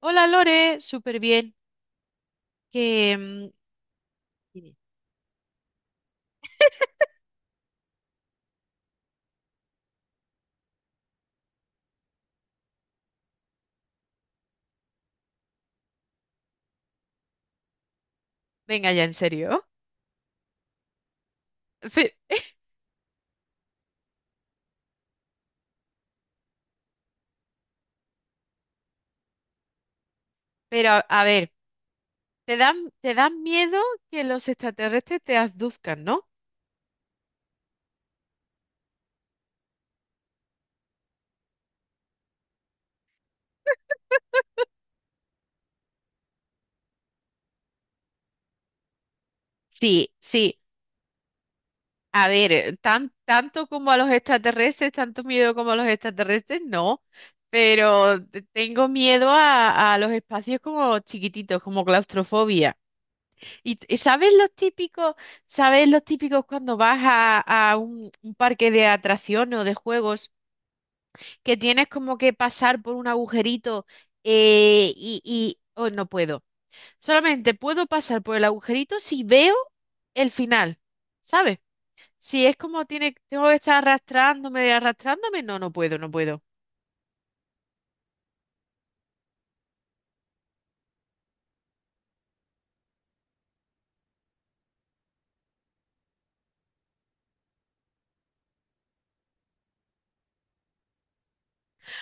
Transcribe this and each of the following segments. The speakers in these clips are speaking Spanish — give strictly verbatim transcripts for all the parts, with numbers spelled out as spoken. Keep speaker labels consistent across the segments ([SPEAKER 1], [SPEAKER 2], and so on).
[SPEAKER 1] Hola Lore, súper bien. Que mm, venga ya, en serio. Fe- Pero a, a ver, te dan te dan miedo que los extraterrestres te abduzcan, ¿no? Sí, sí. A ver, eh, tan, tanto como a los extraterrestres, tanto miedo como a los extraterrestres, no. Pero te- tengo miedo a, a los espacios como chiquititos, como claustrofobia. Y t- ¿sabes los típicos, sabes los típicos cuando vas a, a un, un parque de atracciones o de juegos? Que tienes como que pasar por un agujerito, eh, y, y oh, no puedo. Solamente puedo pasar por el agujerito si veo el final, ¿sabes? Si es como tiene, tengo que estar arrastrándome, arrastrándome, no, no puedo, no puedo.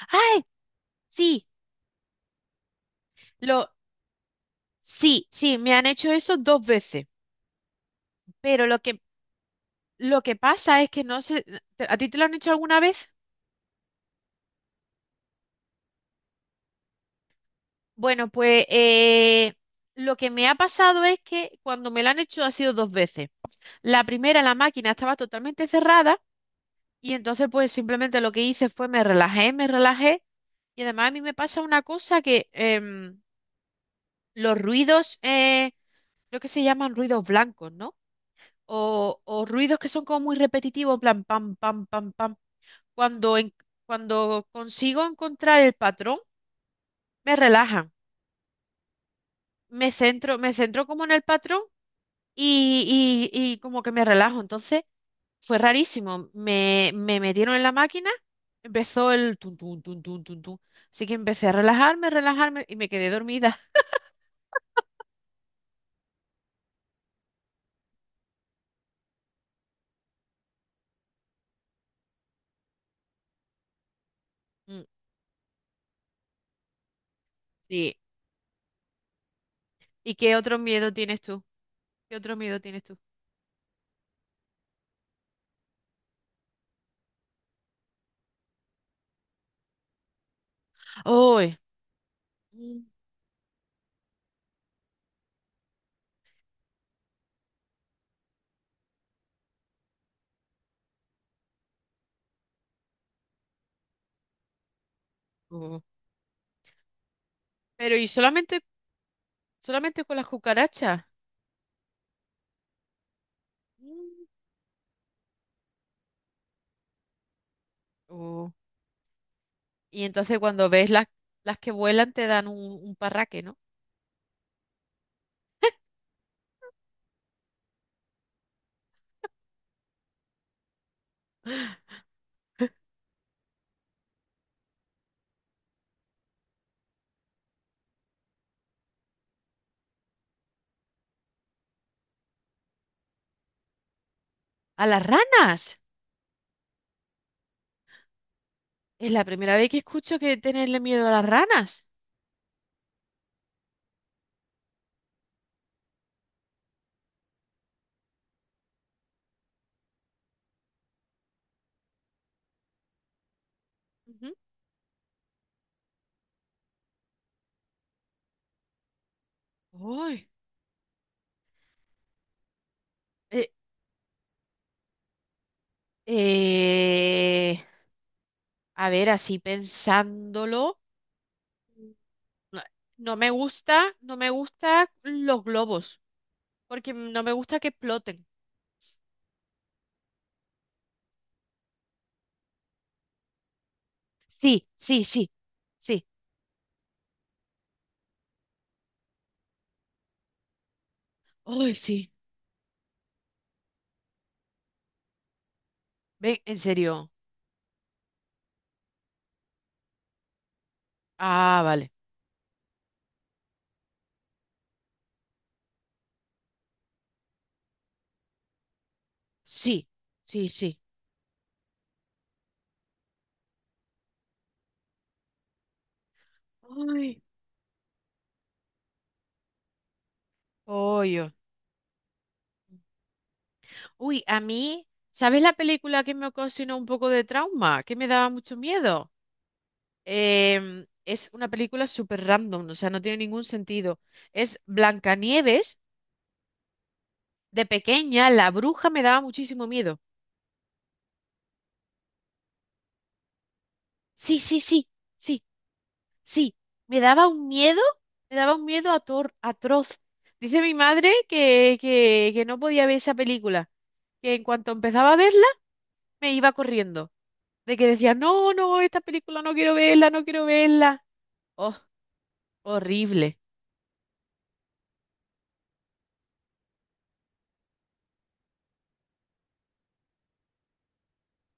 [SPEAKER 1] ¡Ay! Sí, lo, sí, sí, me han hecho eso dos veces, pero lo que, lo que pasa es que no sé, ¿a ti te lo han hecho alguna vez? Bueno, pues eh, lo que me ha pasado es que cuando me lo han hecho ha sido dos veces. La primera, la máquina estaba totalmente cerrada y entonces pues simplemente lo que hice fue me relajé, me relajé. Y además a mí me pasa una cosa que em, los ruidos, eh, creo que se llaman ruidos blancos, ¿no? O, o ruidos que son como muy repetitivos, en plan pam, pam, pam, pam. Cuando, en- cuando consigo encontrar el patrón, me relajan, me centro, me centro como en el patrón y, y y como que me relajo. Entonces... fue rarísimo. Me, me metieron en la máquina, empezó el tun, tun, tun, tun, tun, tun. Así que empecé a relajarme, relajarme y me quedé dormida. Mm, sí. ¿Y qué otro miedo tienes tú? ¿Qué otro miedo tienes tú? ¡Uy! Mm, oh. Pero ¿y solamente, solamente con las cucarachas? Mm, oh. Y entonces cuando ves las, las que vuelan te dan un, un parraque, ¿no? ¡A las ranas! Es la primera vez que escucho que tenerle miedo a las ranas. Ujú. ¡Uy! Eh, Eh, a ver, así pensándolo, no, no me gusta, no me gusta los globos, porque no me gusta que exploten. Sí, sí, sí, sí. Ay, sí. Ven, en serio. Ah, vale. Sí, sí, sí. Ay, pollo. Uy, a mí, ¿sabes la película que me ocasionó un poco de trauma? Que me daba mucho miedo. Em, es una película súper random, o sea, no tiene ningún sentido. Es Blancanieves. De pequeña, la bruja me daba muchísimo miedo. Sí, sí, sí, sí, sí. Me daba un miedo, me daba un miedo ator- atroz. Dice mi madre que, que, que no podía ver esa película, que en cuanto empezaba a verla, me iba corriendo. De que decía, no, no, esta película no quiero verla, no quiero verla. Oh, horrible.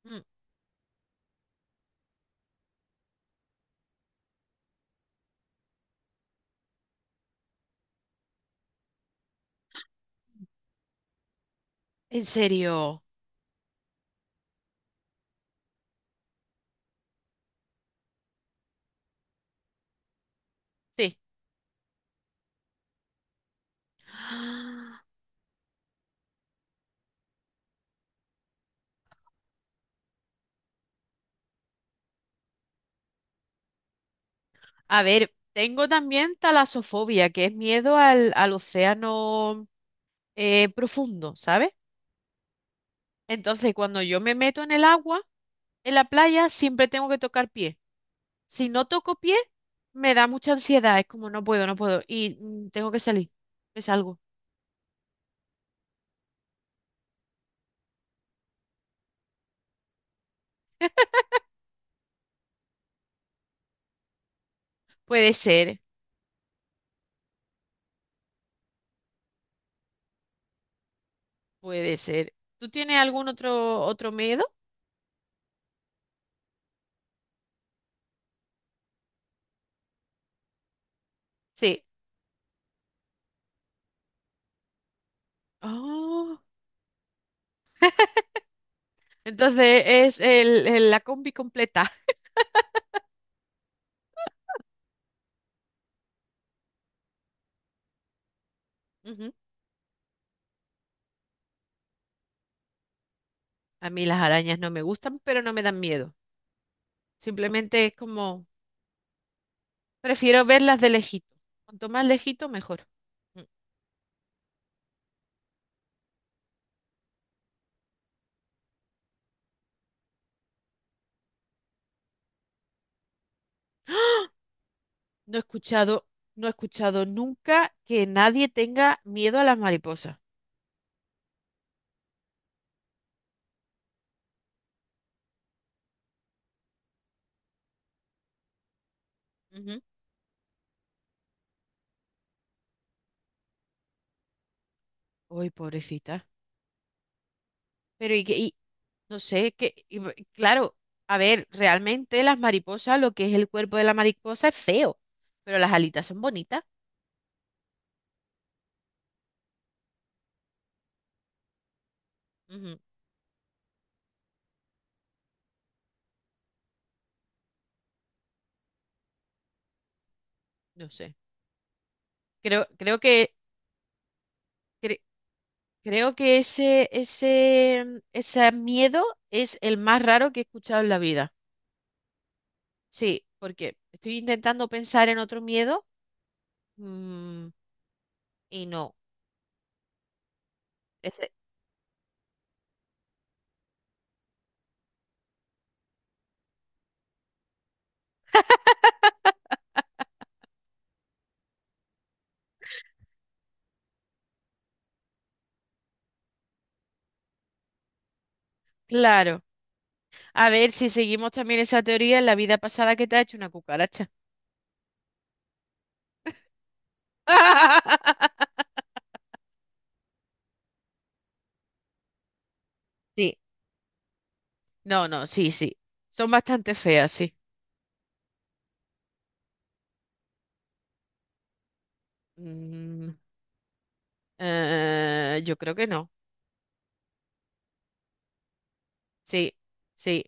[SPEAKER 1] Mm, en serio, sí. A ver, tengo también talasofobia, que es miedo al, al océano eh, profundo, ¿sabes? Entonces, cuando yo me meto en el agua, en la playa, siempre tengo que tocar pie. Si no toco pie, me da mucha ansiedad. Es como no puedo, no puedo. Y mm, tengo que salir. Me salgo. Puede ser, puede ser. ¿Tú tienes algún otro, otro miedo? Sí. Oh, entonces es el, el- la combi completa. Ujú. A mí las arañas no me gustan, pero no me dan miedo. Simplemente es como, prefiero verlas de lejito. Cuanto más lejito, mejor. Mm. No he escuchado, no he escuchado nunca que nadie tenga miedo a las mariposas. Ujú. Uy, pobrecita. Pero y que, y, no sé, que, y b- claro, a ver, realmente las mariposas, lo que es el cuerpo de la mariposa es feo, pero las alitas son bonitas. Ujú. No sé. Creo, creo que, cre- creo que ese, ese, mm, ese miedo es el más raro que he escuchado en la vida. Sí, porque estoy intentando pensar en otro miedo, mm, y no. Claro. A ver, si seguimos también esa teoría, en la vida pasada que te ha hecho una cucaracha? Sí, no, no, sí, sí. Son bastante feas, sí. Mm, eh, yo creo que no. Sí, sí,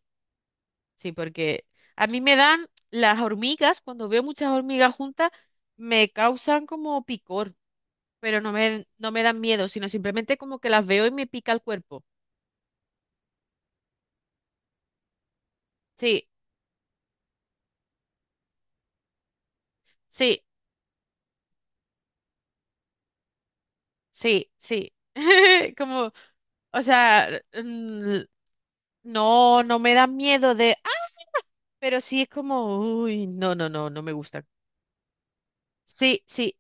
[SPEAKER 1] sí, porque a mí me dan las hormigas, cuando veo muchas hormigas juntas, me causan como picor, pero no me, no me dan miedo, sino simplemente como que las veo y me pica el cuerpo. Sí, sí, sí, sí. Como, o sea, mm, no, no me da miedo de, ah, pero sí es como, uy, no, no, no, no me gusta. Sí, sí,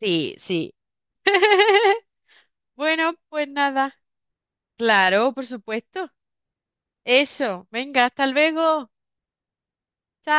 [SPEAKER 1] sí, sí. Bueno, pues nada. Claro, por supuesto. Eso. Venga, hasta luego. Chao.